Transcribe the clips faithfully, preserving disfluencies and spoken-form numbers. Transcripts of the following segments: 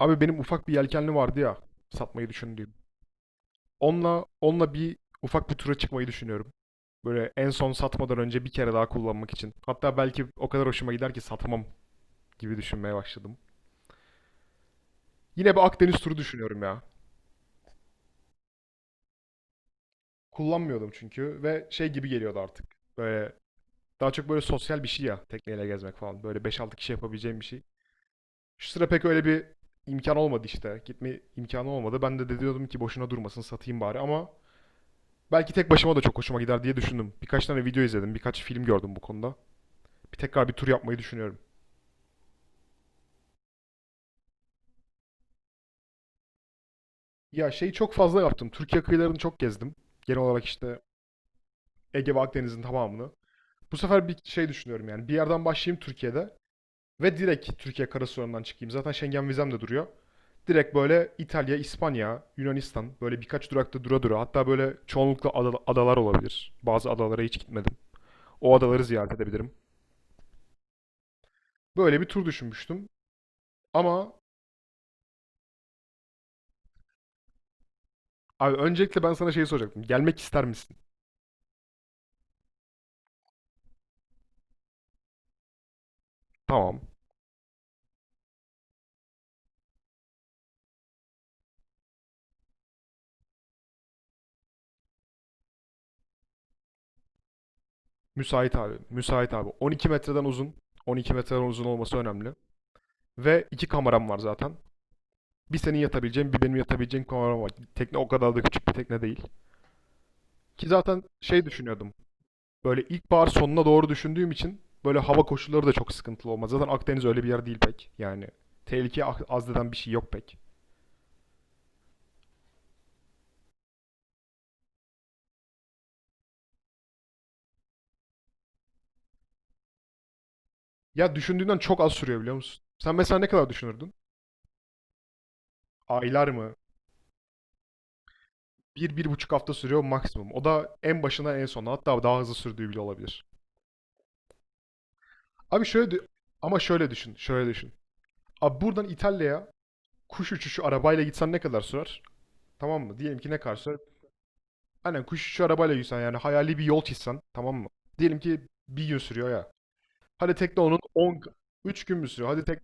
Abi benim ufak bir yelkenli vardı ya satmayı düşündüğüm. Onunla onunla bir ufak bir tura çıkmayı düşünüyorum. Böyle en son satmadan önce bir kere daha kullanmak için. Hatta belki o kadar hoşuma gider ki satmam gibi düşünmeye başladım. Yine bir Akdeniz turu düşünüyorum ya. Kullanmıyordum çünkü ve şey gibi geliyordu artık. Böyle daha çok böyle sosyal bir şey ya tekneyle gezmek falan. Böyle beş altı kişi yapabileceğim bir şey. Şu sıra pek öyle bir imkan olmadı işte. Gitme imkanı olmadı. Ben de, de diyordum ki boşuna durmasın satayım bari ama belki tek başıma da çok hoşuma gider diye düşündüm. Birkaç tane video izledim, birkaç film gördüm bu konuda. Bir tekrar bir tur yapmayı düşünüyorum. Ya şeyi çok fazla yaptım. Türkiye kıyılarını çok gezdim. Genel olarak işte Ege ve Akdeniz'in tamamını. Bu sefer bir şey düşünüyorum yani. Bir yerden başlayayım Türkiye'de ve direkt Türkiye karasınırından çıkayım. Zaten Schengen vizem de duruyor. Direkt böyle İtalya, İspanya, Yunanistan böyle birkaç durakta dura dura. Hatta böyle çoğunlukla ada- adalar olabilir. Bazı adalara hiç gitmedim. O adaları ziyaret edebilirim. Böyle bir tur düşünmüştüm. Ama abi öncelikle ben sana şeyi soracaktım. Gelmek ister misin? Tamam. Müsait abi. Müsait abi. on iki metreden uzun. on iki metreden uzun olması önemli. Ve iki kameram var zaten. Bir senin yatabileceğin, bir benim yatabileceğim kameram var. Tekne o kadar da küçük bir tekne değil. Ki zaten şey düşünüyordum. Böyle ilkbahar sonuna doğru düşündüğüm için böyle hava koşulları da çok sıkıntılı olmaz. Zaten Akdeniz öyle bir yer değil pek. Yani tehlike az deden bir şey yok pek. Ya düşündüğünden çok az sürüyor biliyor musun? Sen mesela ne kadar düşünürdün? Aylar mı? Bir, bir buçuk hafta sürüyor maksimum. O da en başına en sona hatta daha hızlı sürdüğü bile olabilir. Abi şöyle, ama şöyle düşün, şöyle düşün. Abi buradan İtalya'ya kuş uçuşu arabayla gitsen ne kadar sürer? Tamam mı? Diyelim ki ne kadar sürer? Aynen kuş uçuşu arabayla gitsen yani hayali bir yol çizsen tamam mı? Diyelim ki bir gün sürüyor ya. Hadi tekne onun on üç gün mü sürüyor? Hadi tek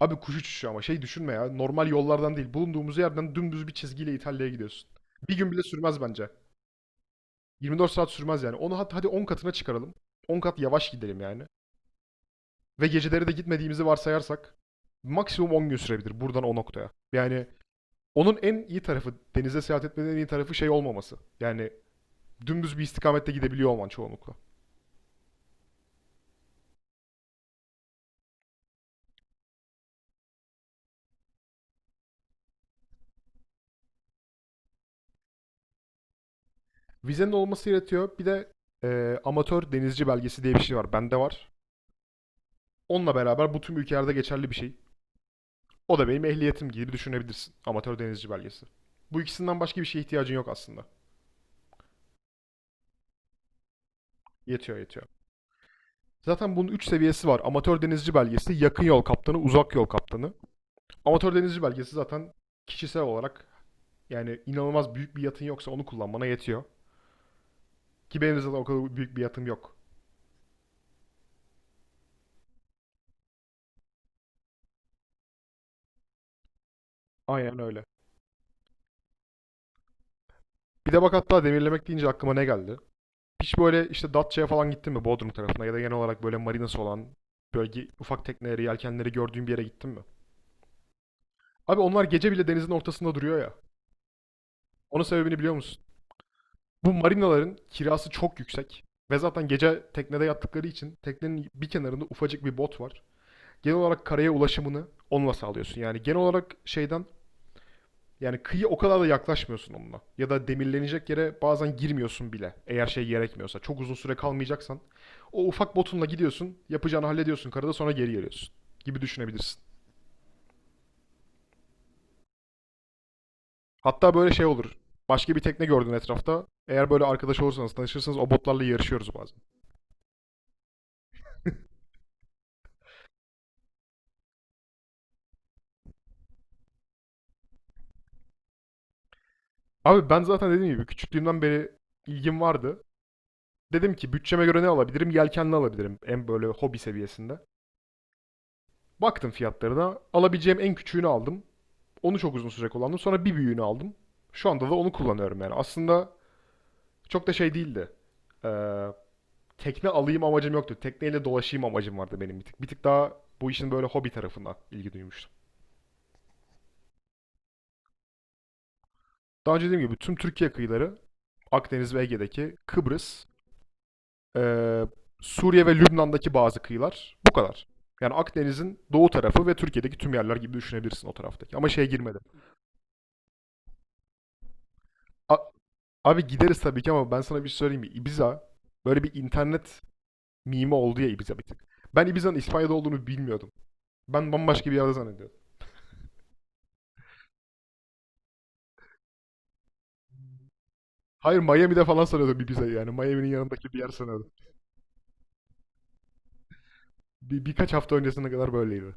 abi kuş uçuşu ama şey düşünme ya. Normal yollardan değil. Bulunduğumuz yerden dümdüz bir çizgiyle İtalya'ya gidiyorsun. Bir gün bile sürmez bence. yirmi dört saat sürmez yani. Onu hat- hadi on katına çıkaralım. On kat yavaş gidelim yani. Ve geceleri de gitmediğimizi varsayarsak maksimum on gün sürebilir buradan o noktaya. Yani onun en iyi tarafı, denize seyahat etmenin en iyi tarafı şey olmaması. Yani dümdüz bir istikamette gidebiliyor olman çoğunlukla. Vizenin olması yaratıyor. Bir de e, amatör denizci belgesi diye bir şey var. Bende var. Onunla beraber bu tüm ülkelerde geçerli bir şey. O da benim ehliyetim gibi düşünebilirsin. Amatör denizci belgesi. Bu ikisinden başka bir şeye ihtiyacın yok aslında. Yetiyor yetiyor. Zaten bunun üç seviyesi var. Amatör denizci belgesi, yakın yol kaptanı, uzak yol kaptanı. Amatör denizci belgesi zaten kişisel olarak yani inanılmaz büyük bir yatın yoksa onu kullanmana yetiyor. Ki benim zaten o kadar büyük bir yatım yok. Aynen öyle. Bir de bak hatta demirlemek deyince aklıma ne geldi? Hiç böyle işte Datça'ya falan gittin mi Bodrum tarafına ya da genel olarak böyle marinası olan bölge ufak tekneleri, yelkenleri gördüğün bir yere gittin mi? Abi onlar gece bile denizin ortasında duruyor ya. Onun sebebini biliyor musun? Bu marinaların kirası çok yüksek. Ve zaten gece teknede yattıkları için teknenin bir kenarında ufacık bir bot var. Genel olarak karaya ulaşımını onunla sağlıyorsun. Yani genel olarak şeyden yani kıyı o kadar da yaklaşmıyorsun onunla. Ya da demirlenecek yere bazen girmiyorsun bile. Eğer şey gerekmiyorsa. Çok uzun süre kalmayacaksan. O ufak botunla gidiyorsun. Yapacağını hallediyorsun karada sonra geri geliyorsun. Gibi düşünebilirsin. Hatta böyle şey olur. Başka bir tekne gördün etrafta. Eğer böyle arkadaş olursanız, tanışırsanız o botlarla yarışıyoruz bazen. Abi ben zaten dediğim gibi küçüklüğümden beri ilgim vardı. Dedim ki bütçeme göre ne alabilirim? Yelkenli alabilirim. En böyle hobi seviyesinde. Baktım fiyatlarına. Alabileceğim en küçüğünü aldım. Onu çok uzun süre kullandım. Sonra bir büyüğünü aldım. Şu anda da onu kullanıyorum yani. Aslında çok da şey değildi. Ee, tekne alayım amacım yoktu. Tekneyle dolaşayım amacım vardı benim bir tık. Bir tık daha bu işin böyle hobi tarafına ilgi duymuştum. Daha önce dediğim gibi tüm Türkiye kıyıları, Akdeniz ve Ege'deki Kıbrıs, Ee, Suriye ve Lübnan'daki bazı kıyılar. Bu kadar. Yani Akdeniz'in doğu tarafı ve Türkiye'deki tüm yerler gibi düşünebilirsin o taraftaki. Ama şeye girmedim. A- abi gideriz tabii ki ama ben sana bir şey söyleyeyim mi? Ibiza böyle bir internet mimi oldu ya Ibiza bir tık. Ben Ibiza'nın İspanya'da olduğunu bilmiyordum. Ben bambaşka bir yerde zannediyordum. Hayır Miami'de falan sanıyordum Ibiza'yı yani. Miami'nin yanındaki bir yer sanıyordum. Bir, birkaç hafta öncesine kadar böyleydi.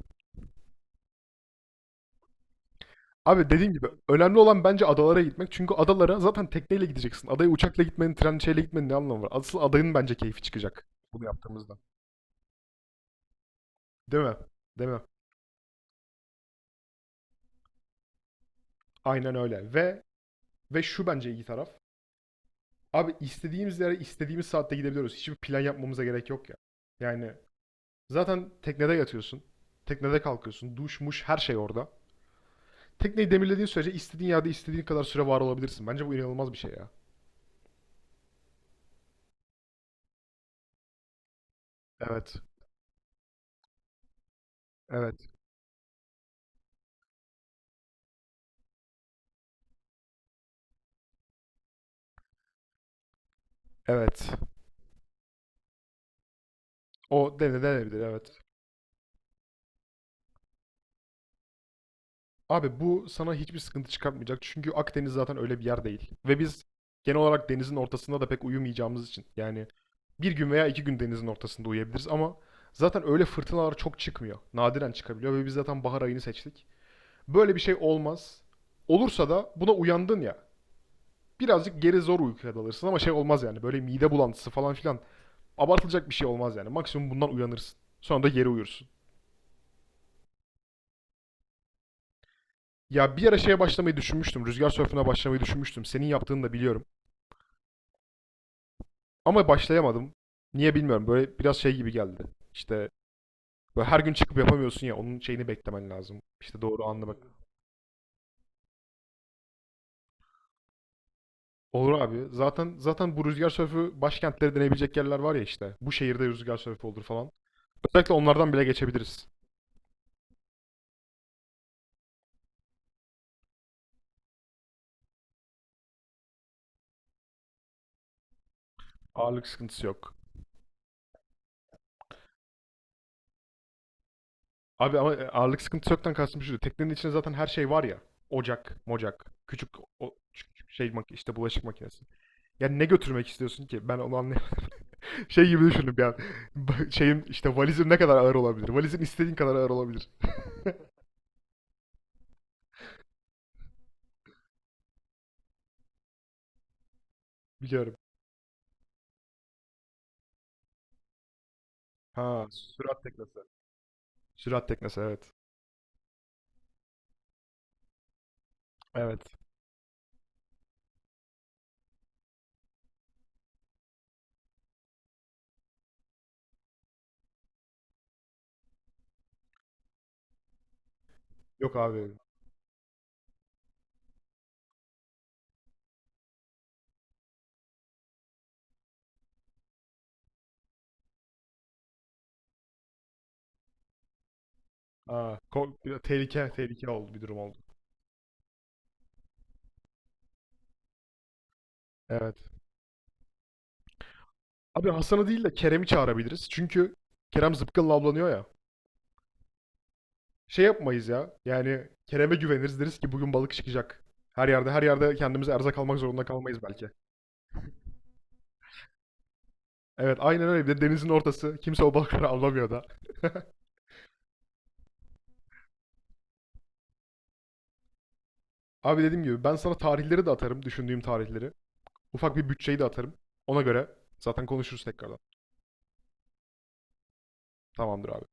Abi dediğim gibi önemli olan bence adalara gitmek. Çünkü adalara zaten tekneyle gideceksin. Adaya uçakla gitmenin, tren şeyle gitmenin ne anlamı var? Asıl adayın bence keyfi çıkacak bunu yaptığımızda. Değil mi? Değil mi? Aynen öyle. Ve ve şu bence iyi taraf. Abi istediğimiz yere istediğimiz saatte gidebiliyoruz. Hiçbir plan yapmamıza gerek yok ya. Yani zaten teknede yatıyorsun. Teknede kalkıyorsun. Duş, muş her şey orada. Tekneyi demirlediğin sürece istediğin yerde istediğin kadar süre var olabilirsin. Bence bu inanılmaz bir şey ya. Evet. Evet. Evet. O denenebilir evet. Abi bu sana hiçbir sıkıntı çıkartmayacak. Çünkü Akdeniz zaten öyle bir yer değil. Ve biz genel olarak denizin ortasında da pek uyumayacağımız için. Yani bir gün veya iki gün denizin ortasında uyuyabiliriz ama zaten öyle fırtınalar çok çıkmıyor. Nadiren çıkabiliyor ve biz zaten bahar ayını seçtik. Böyle bir şey olmaz. Olursa da buna uyandın ya. Birazcık geri zor uykuya dalırsın ama şey olmaz yani. Böyle mide bulantısı falan filan. Abartılacak bir şey olmaz yani. Maksimum bundan uyanırsın. Sonra da geri uyursun. Ya bir ara şeye başlamayı düşünmüştüm. Rüzgar sörfüne başlamayı düşünmüştüm. Senin yaptığını da biliyorum. Ama başlayamadım. Niye bilmiyorum. Böyle biraz şey gibi geldi. İşte böyle her gün çıkıp yapamıyorsun ya. Onun şeyini beklemen lazım. İşte doğru anlamak. Olur abi. Zaten zaten bu rüzgar sörfü başkentleri deneyebilecek yerler var ya işte. Bu şehirde rüzgar sörfü olur falan. Özellikle onlardan bile geçebiliriz. Ağırlık sıkıntısı yok. Abi ama e, ağırlık sıkıntısı yoktan kastım şu. Teknenin içinde zaten her şey var ya. Ocak, mocak, küçük o, küçük şey mak- işte bulaşık makinesi. Yani ne götürmek istiyorsun ki? Ben onu anlayamadım. Şey gibi düşündüm ya. Ba- Şeyim işte valizim ne kadar ağır olabilir? Valizim istediğin kadar ağır olabilir. Biliyorum. Ha, sürat teknesi. Sürat teknesi evet. Evet. Yok abi. Aa, ko- bir de tehlike, tehlike oldu, bir durum oldu. Evet. Abi Hasan'ı değil de Kerem'i çağırabiliriz. Çünkü Kerem zıpkınla avlanıyor ya. Şey yapmayız ya. Yani Kerem'e güveniriz deriz ki bugün balık çıkacak. Her yerde her yerde kendimize erzak almak zorunda kalmayız belki. Evet aynen öyle. Bir de denizin ortası. Kimse o balıkları avlamıyor da. Abi dediğim gibi ben sana tarihleri de atarım. Düşündüğüm tarihleri. Ufak bir bütçeyi de atarım. Ona göre zaten konuşuruz tekrardan. Tamamdır abi.